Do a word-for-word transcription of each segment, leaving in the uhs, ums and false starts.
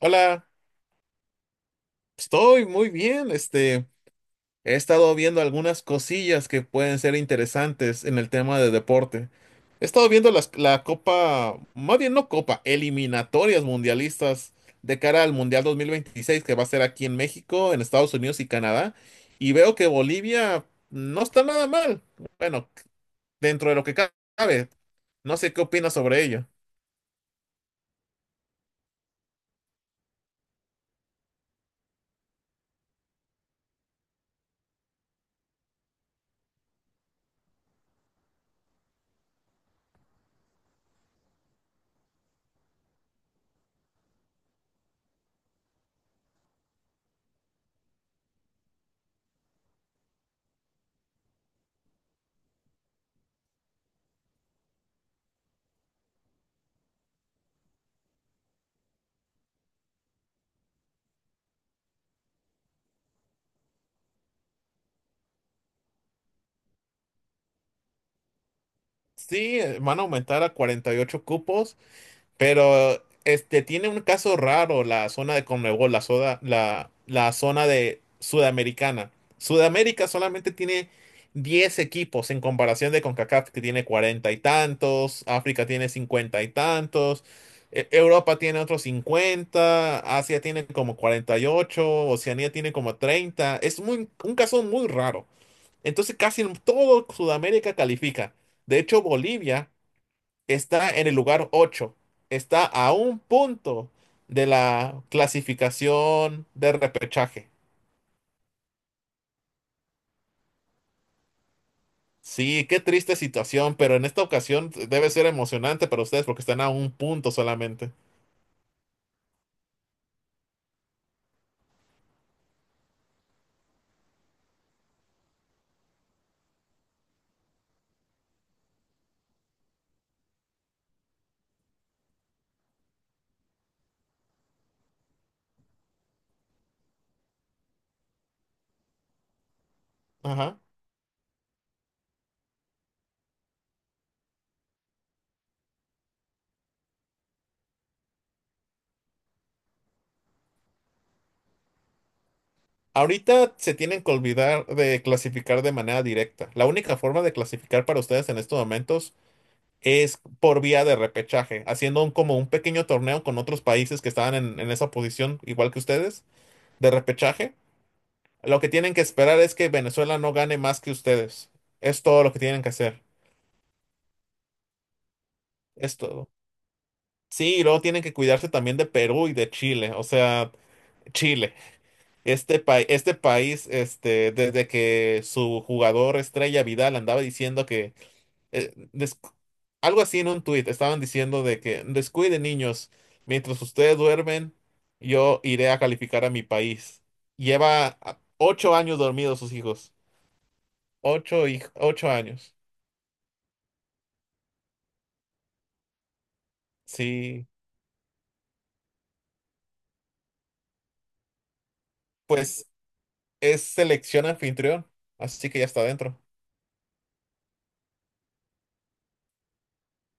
Hola, estoy muy bien. Este, he estado viendo algunas cosillas que pueden ser interesantes en el tema de deporte. He estado viendo las- la Copa, más bien no Copa, eliminatorias mundialistas de cara al Mundial dos mil veintiséis que va a ser aquí en México, en Estados Unidos y Canadá. Y veo que Bolivia no está nada mal. Bueno, dentro de lo que ca- cabe. No sé qué opinas sobre ello. Sí, eh, van a aumentar a cuarenta y ocho cupos. Pero este tiene un caso raro la zona de Conmebol, la, soda- la, la zona de Sudamericana. Sudamérica solamente tiene diez equipos en comparación de CONCACAF, que tiene cuarenta y tantos, África tiene cincuenta y tantos, E- Europa tiene otros cincuenta. Asia tiene como cuarenta y ocho. Oceanía tiene como treinta. Es muy, un caso muy raro. Entonces casi todo Sudamérica califica. De hecho, Bolivia está en el lugar ocho. Está a un punto de la clasificación de repechaje. Sí, qué triste situación, pero en esta ocasión debe ser emocionante para ustedes porque están a un punto solamente. Ajá. Ahorita se tienen que olvidar de clasificar de manera directa. La única forma de clasificar para ustedes en estos momentos es por vía de repechaje, haciendo un- como un pequeño torneo con otros países que estaban en en esa posición, igual que ustedes, de repechaje. Lo que tienen que esperar es que Venezuela no gane más que ustedes. Es todo lo que tienen que hacer. Es todo. Sí, y luego tienen que cuidarse también de Perú y de Chile. O sea, Chile. Este país, este país, este, desde que su jugador estrella Vidal andaba diciendo que eh, des- algo así en un tuit, estaban diciendo de que descuiden niños, mientras ustedes duermen, yo iré a calificar a mi país. Lleva ah, ocho años dormidos sus hijos. Ocho, hij- ocho años. Sí. Pues es selección anfitrión, así que ya está dentro.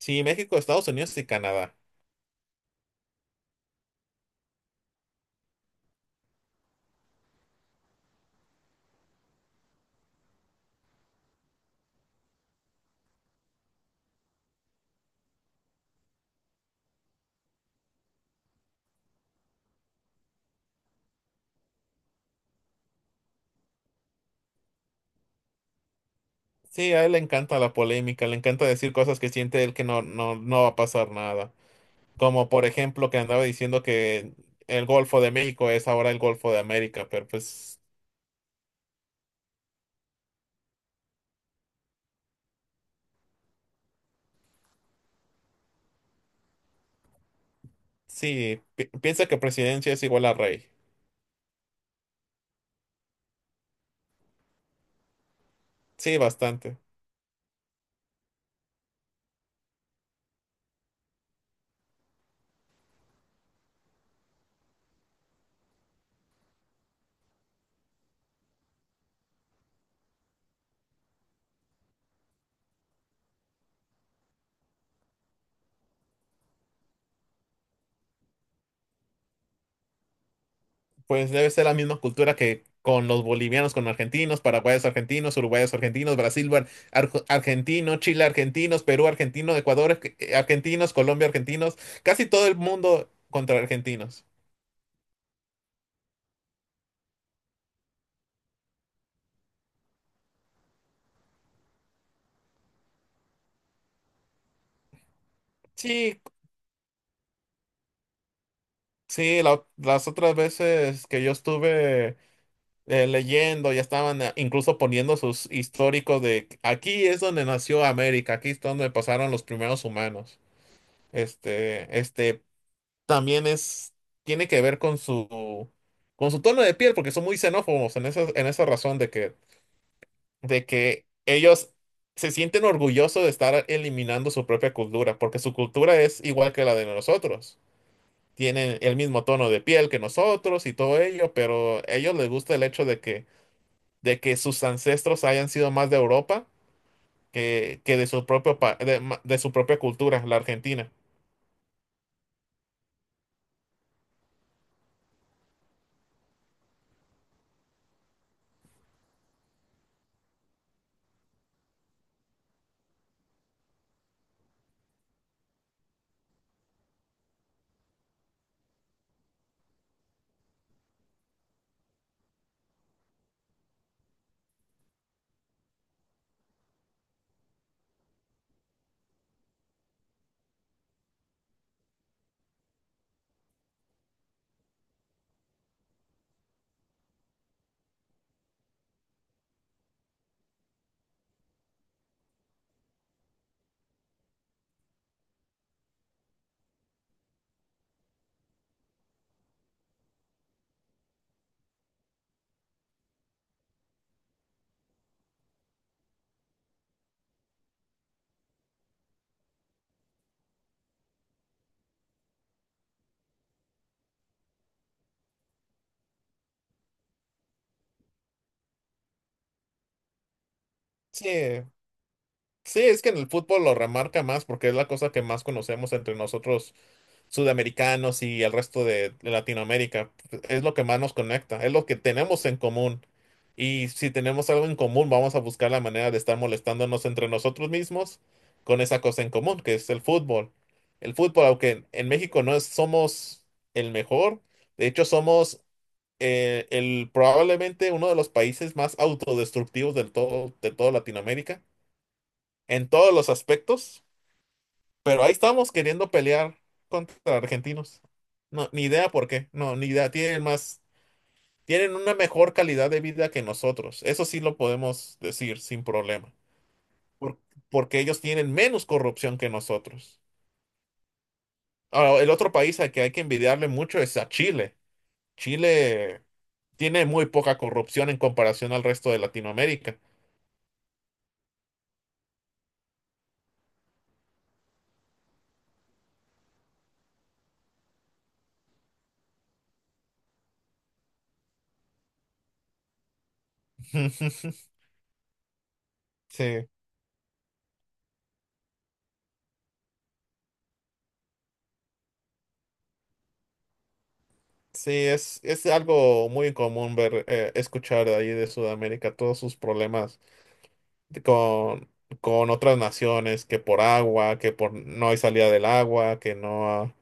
Sí, México, Estados Unidos y Canadá. Sí, a él le encanta la polémica, le encanta decir cosas que siente él que no, no, no va a pasar nada. Como por ejemplo que andaba diciendo que el Golfo de México es ahora el Golfo de América, pero pues sí, pi- piensa que presidencia es igual a rey. Sí, bastante. Pues debe ser la misma cultura que con los bolivianos, con argentinos, paraguayos argentinos, uruguayos argentinos, Brasil bar- arg- argentino, Chile argentinos, Perú argentino, Ecuador arg- eh, argentinos, Colombia argentinos, casi todo el mundo contra argentinos. Sí, sí, la- las otras veces que yo estuve eh, leyendo, ya estaban eh, incluso poniendo sus históricos de aquí es donde nació América, aquí es donde pasaron los primeros humanos. Este, este también es, tiene que ver con su, con su tono de piel, porque son muy xenófobos en esa, en esa razón de que, de que ellos se sienten orgullosos de estar eliminando su propia cultura, porque su cultura es igual que la de nosotros. Tienen el mismo tono de piel que nosotros y todo ello, pero a ellos les gusta el hecho de que, de que sus ancestros hayan sido más de Europa que, que de su propio pa- de, ma- de su propia cultura, la Argentina. Sí, sí, es que en el fútbol lo remarca más porque es la cosa que más conocemos entre nosotros sudamericanos y el resto de de Latinoamérica. Es lo que más nos conecta, es lo que tenemos en común. Y si tenemos algo en común, vamos a buscar la manera de estar molestándonos entre nosotros mismos con esa cosa en común, que es el fútbol. El fútbol, aunque en en México no es- somos el mejor, de hecho somos eh, el, probablemente uno de los países más autodestructivos del todo, de toda Latinoamérica en todos los aspectos, pero ahí estamos queriendo pelear contra argentinos. No, ni idea por qué, no, ni idea, tienen más, tienen una mejor calidad de vida que nosotros, eso sí lo podemos decir sin problema, por- porque ellos tienen menos corrupción que nosotros. Ahora, el otro país al que hay que envidiarle mucho es a Chile. Chile tiene muy poca corrupción en comparación al resto de Latinoamérica. Sí. Sí, es, es algo muy común ver, eh, escuchar de ahí de Sudamérica todos sus problemas de- con, con otras naciones, que por agua, que por no hay salida del agua, que no,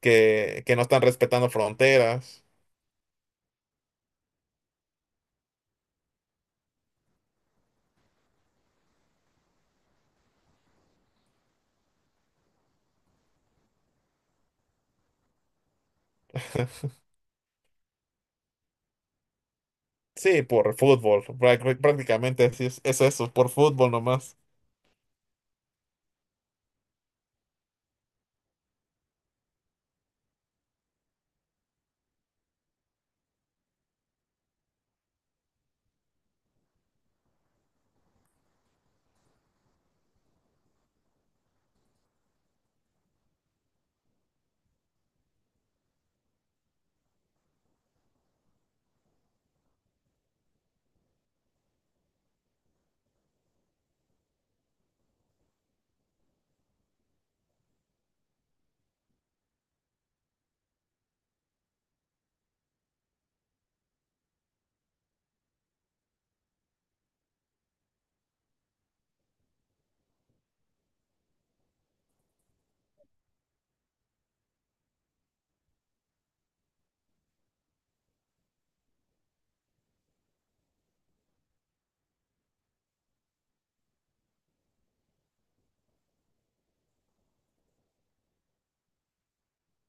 que, que no están respetando fronteras. Sí, por fútbol, práct- prácticamente así es, es eso, por fútbol nomás.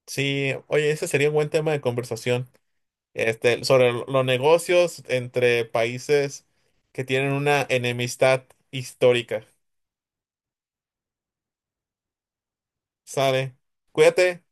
Sí, oye, ese sería un buen tema de conversación, este, sobre lo- los negocios entre países que tienen una enemistad histórica. Sale. Cuídate.